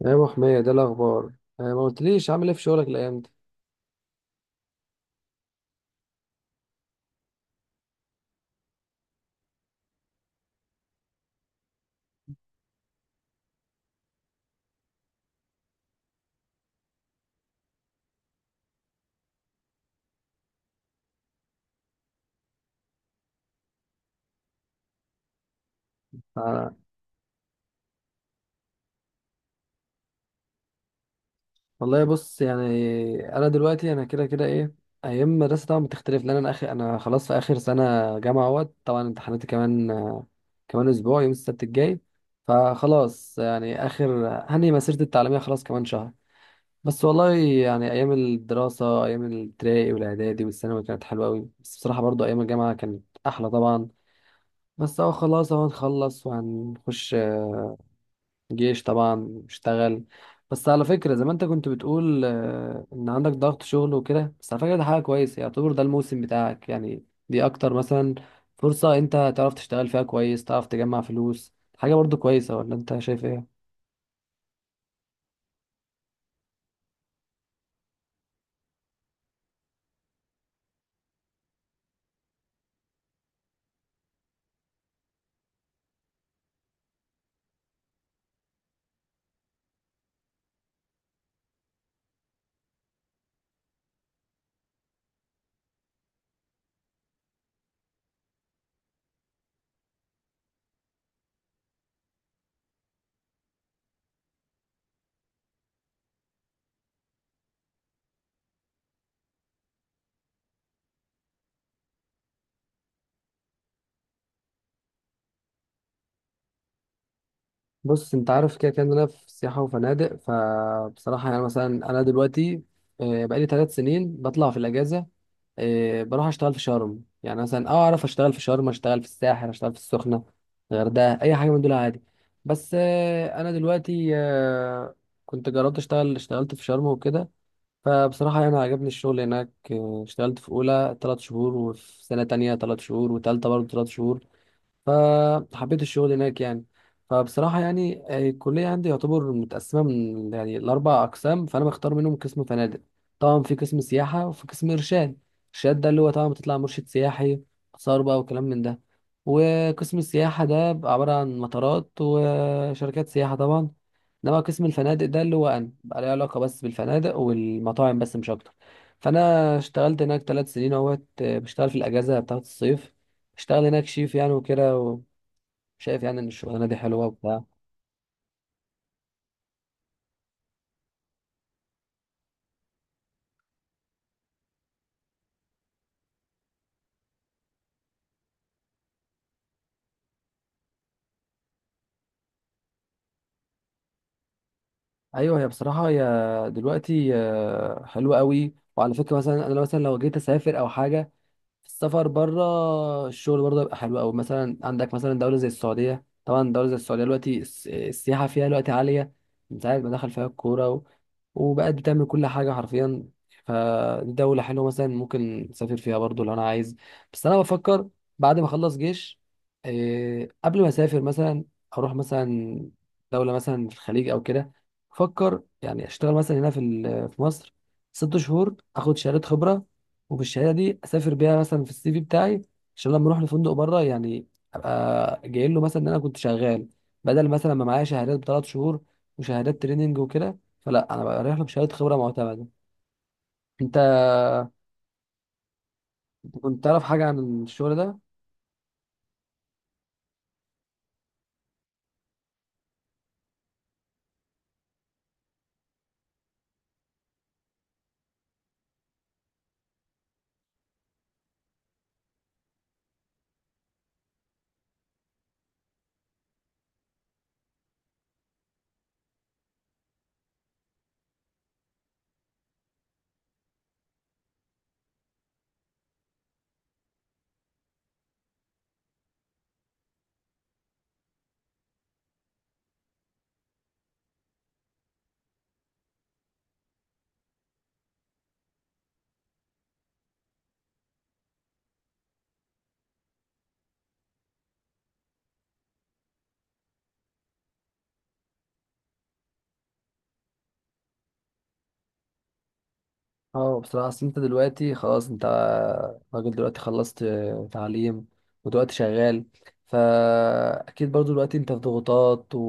يا ابو حميد، ده الاخبار. ما قلتليش عامل ايه في شغلك الايام دي؟ آه، والله بص يعني. انا دلوقتي كده كده ايه، ايام مدرسه طبعا بتختلف لان انا خلاص في اخر سنه جامعه اهوت. طبعا امتحاناتي كمان، كمان اسبوع يوم السبت الجاي. فخلاص يعني اخر هني مسيرتي التعليميه خلاص كمان شهر. بس والله يعني ايام الدراسه ايام الابتدائي والاعدادي والثانوي كانت حلوه قوي، بس بصراحه برضو ايام الجامعه كانت احلى طبعا. بس اهو خلاص اهو هنخلص وهنخش جيش طبعا، اشتغل. بس على فكرة زي ما انت كنت بتقول ان عندك ضغط شغل وكده. بس على فكرة ده حاجة كويسة، يعتبر ده الموسم بتاعك، يعني دي اكتر مثلا فرصة انت تعرف تشتغل فيها كويس، تعرف تجمع فلوس. حاجة برضو كويسة، ولا انت شايف ايه؟ بص انت عارف كده كده إن انا في سياحة وفنادق. فبصراحة يعني مثلا انا دلوقتي بقالي 3 سنين بطلع في الاجازة، إيه بروح اشتغل في شرم. يعني مثلا اه اعرف اشتغل في شرم، اشتغل في الساحل، اشتغل في السخنه، الغردقه، اي حاجه من دول عادي. بس إيه انا دلوقتي كنت جربت اشتغلت في شرم وكده. فبصراحه يعني عجبني الشغل هناك، إيه، اشتغلت في اولى 3 شهور، وفي سنه تانية 3 شهور، وتالتة برضه 3 شهور. فحبيت الشغل هناك يعني. فبصراحة يعني الكلية عندي يعتبر متقسمة من يعني الأربع أقسام، فأنا بختار منهم قسم فنادق. طبعا في قسم سياحة وفي قسم إرشاد. إرشاد ده اللي هو طبعا بتطلع مرشد سياحي، آثار بقى وكلام من ده. وقسم السياحة ده بيبقى عبارة عن مطارات وشركات سياحة طبعا. إنما قسم الفنادق ده اللي هو أنا بقى ليه علاقة بس بالفنادق والمطاعم بس مش أكتر. فأنا اشتغلت هناك 3 سنين أهوت، بشتغل في الأجازة بتاعة الصيف، اشتغل هناك شيف يعني وكده. شايف يعني ان الشغلانه دي حلوه وبتاع. ايوه، هي بصراحه دلوقتي حلوه قوي. وعلى فكره مثلا انا مثلا لو جيت اسافر او حاجه، السفر بره الشغل برضه يبقى حلو قوي. مثلا عندك مثلا دوله زي السعوديه، طبعا دوله زي السعوديه دلوقتي السياحه فيها دلوقتي عاليه من ساعه ما دخل فيها الكوره، وبقت بتعمل كل حاجة حرفيا. فدولة حلوة مثلا ممكن أسافر فيها برضو لو أنا عايز. بس أنا بفكر بعد ما أخلص جيش إيه، قبل ما أسافر مثلا أروح مثلا دولة مثلا في الخليج أو كده. بفكر يعني أشتغل مثلا هنا في في مصر 6 شهور، أخد شهادة خبرة، وبالشهادة دي أسافر بيها مثلا في السي في بتاعي. عشان لما أروح لفندق بره يعني أبقى جاي له مثلا إن أنا كنت شغال، بدل مثلا ما معايا شهادات بثلاث شهور وشهادات تريننج وكده. فلا انا بريح له بشهاده خبره معتمده. انت كنت تعرف حاجه عن الشغل ده؟ اه بصراحة أصل أنت دلوقتي خلاص، أنت راجل دلوقتي، خلصت تعليم ودلوقتي شغال. فأكيد برضو دلوقتي أنت في ضغوطات، و...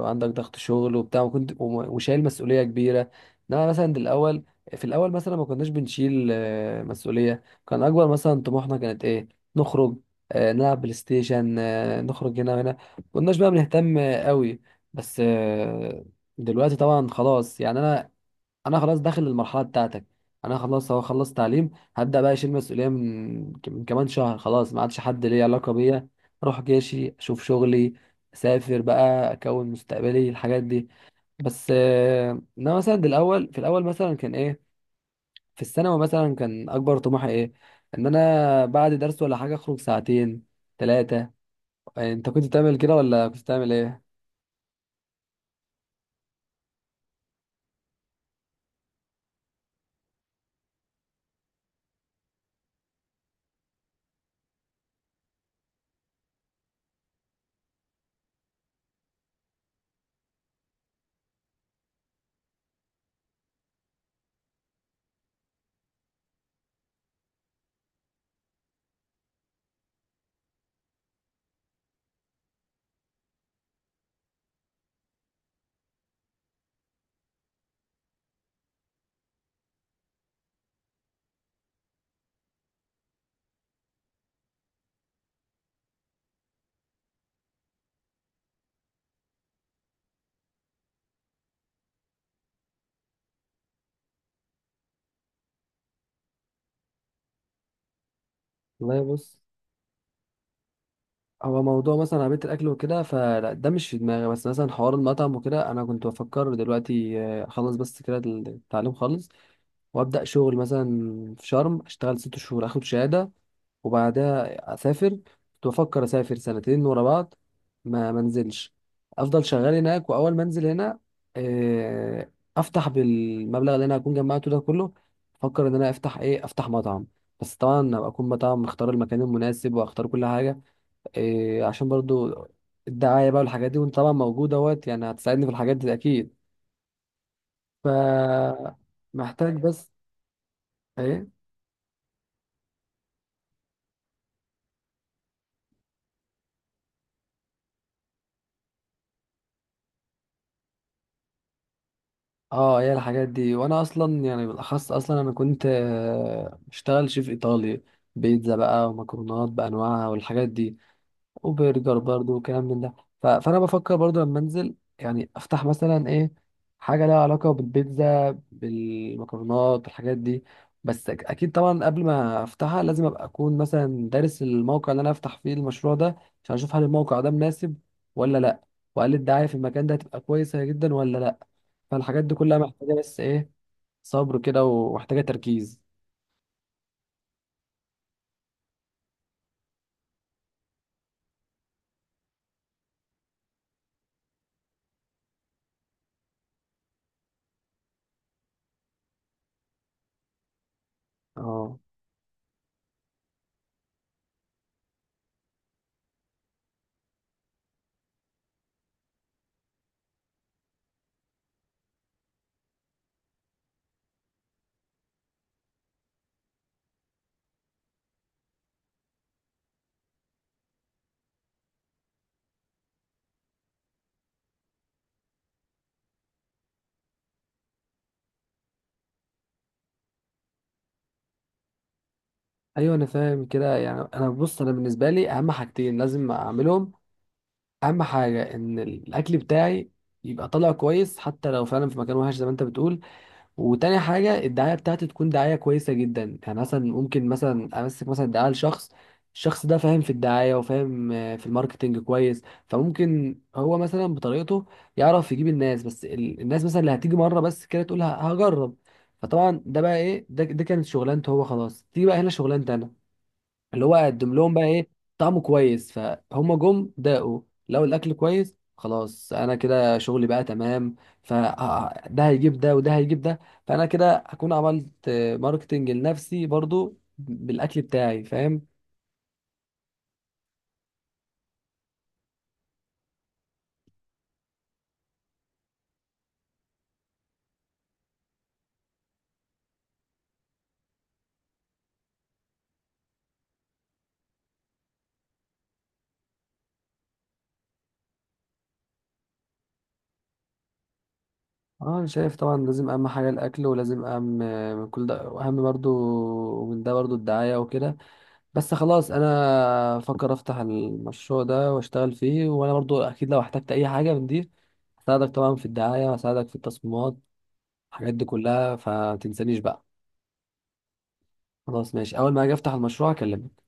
وعندك ضغط شغل وبتاع، وشايل مسؤولية كبيرة. إنما مثلا الأول، في الأول مثلا ما كناش بنشيل مسؤولية، كان أكبر مثلا طموحنا كانت إيه؟ نخرج، نلعب بلاي ستيشن، نخرج هنا وهنا. ما كناش بقى بنهتم قوي. بس دلوقتي طبعا خلاص يعني انا خلاص داخل المرحله بتاعتك. انا خلاص اهو خلصت تعليم. هبدا بقى اشيل مسؤوليه من كمان شهر. خلاص ما عادش حد ليه علاقه بيا، اروح جيشي، اشوف شغلي، اسافر بقى، اكون مستقبلي، الحاجات دي. بس انا مثلا دي الاول، في الاول مثلا كان ايه، في الثانوي مثلا كان اكبر طموحي ايه، ان انا بعد درس ولا حاجه اخرج ساعتين ثلاثه. انت كنت بتعمل كده ولا كنت بتعمل ايه؟ والله بص، هو موضوع مثلا عربية الأكل وكده فلا ده مش في دماغي. بس مثلا حوار المطعم وكده أنا كنت بفكر دلوقتي أخلص بس كده التعليم خالص، وأبدأ شغل مثلا في شرم أشتغل 6 شهور أخد شهادة. وبعدها أسافر، كنت بفكر أسافر سنتين ورا بعض، ما منزلش أفضل شغال هناك. وأول ما أنزل هنا آه، أفتح بالمبلغ اللي أنا هكون جمعته ده كله. أفكر إن أنا أفتح إيه، أفتح مطعم. بس طبعا أبقى أكون مطعم مختار المكان المناسب وأختار كل حاجة إيه، عشان برضو الدعاية بقى والحاجات دي. وانت طبعا موجود اهوت يعني، هتساعدني في الحاجات دي اكيد. ف محتاج بس ايه. اه هي الحاجات دي، وانا اصلا يعني بالاخص اصلا انا كنت بشتغل شيف ايطالي، بيتزا بقى ومكرونات بانواعها والحاجات دي، وبرجر برضو وكلام من ده. فانا بفكر برضو لما انزل يعني افتح مثلا ايه، حاجه لها علاقه بالبيتزا بالمكرونات بالحاجات دي. بس اكيد طبعا قبل ما افتحها لازم ابقى اكون مثلا دارس الموقع اللي انا افتح فيه المشروع ده، عشان اشوف هل الموقع ده مناسب ولا لا، وهل الدعايه في المكان ده هتبقى كويسه جدا ولا لا. فالحاجات دي كلها محتاجه بس ايه، صبر كده، ومحتاجه تركيز. اه ايوه انا فاهم كده يعني. انا بص، انا بالنسبه لي اهم حاجتين لازم اعملهم. اهم حاجه ان الاكل بتاعي يبقى طالع كويس حتى لو فعلا في مكان وحش زي ما انت بتقول. وتاني حاجه الدعايه بتاعتي تكون دعايه كويسه جدا. يعني مثلا ممكن مثلا امسك مثلا دعايه لشخص، الشخص ده فاهم في الدعايه وفاهم في الماركتينج كويس. فممكن هو مثلا بطريقته يعرف يجيب الناس. بس الناس مثلا اللي هتيجي مره بس كده تقول هجرب. فطبعا ده بقى ايه، ده, ده كانت شغلانته هو خلاص. تيجي بقى هنا شغلانتي انا، اللي هو اقدم لهم بقى ايه، طعمه كويس فهم جم داقوا. لو الاكل كويس خلاص انا كده شغلي بقى تمام، فده هيجيب ده وده هيجيب ده. فانا كده هكون عملت ماركتنج لنفسي برضو بالاكل بتاعي، فاهم. اه انا شايف طبعا لازم اهم حاجه الاكل، ولازم اهم من كل ده، واهم برضو من ده برضو الدعايه وكده. بس خلاص انا افكر افتح المشروع ده واشتغل فيه، وانا برضو اكيد لو احتجت اي حاجه من دي هساعدك طبعا في الدعايه، هساعدك في التصميمات، الحاجات دي كلها، فتنسانيش بقى. خلاص ماشي، اول ما اجي افتح المشروع اكلمك.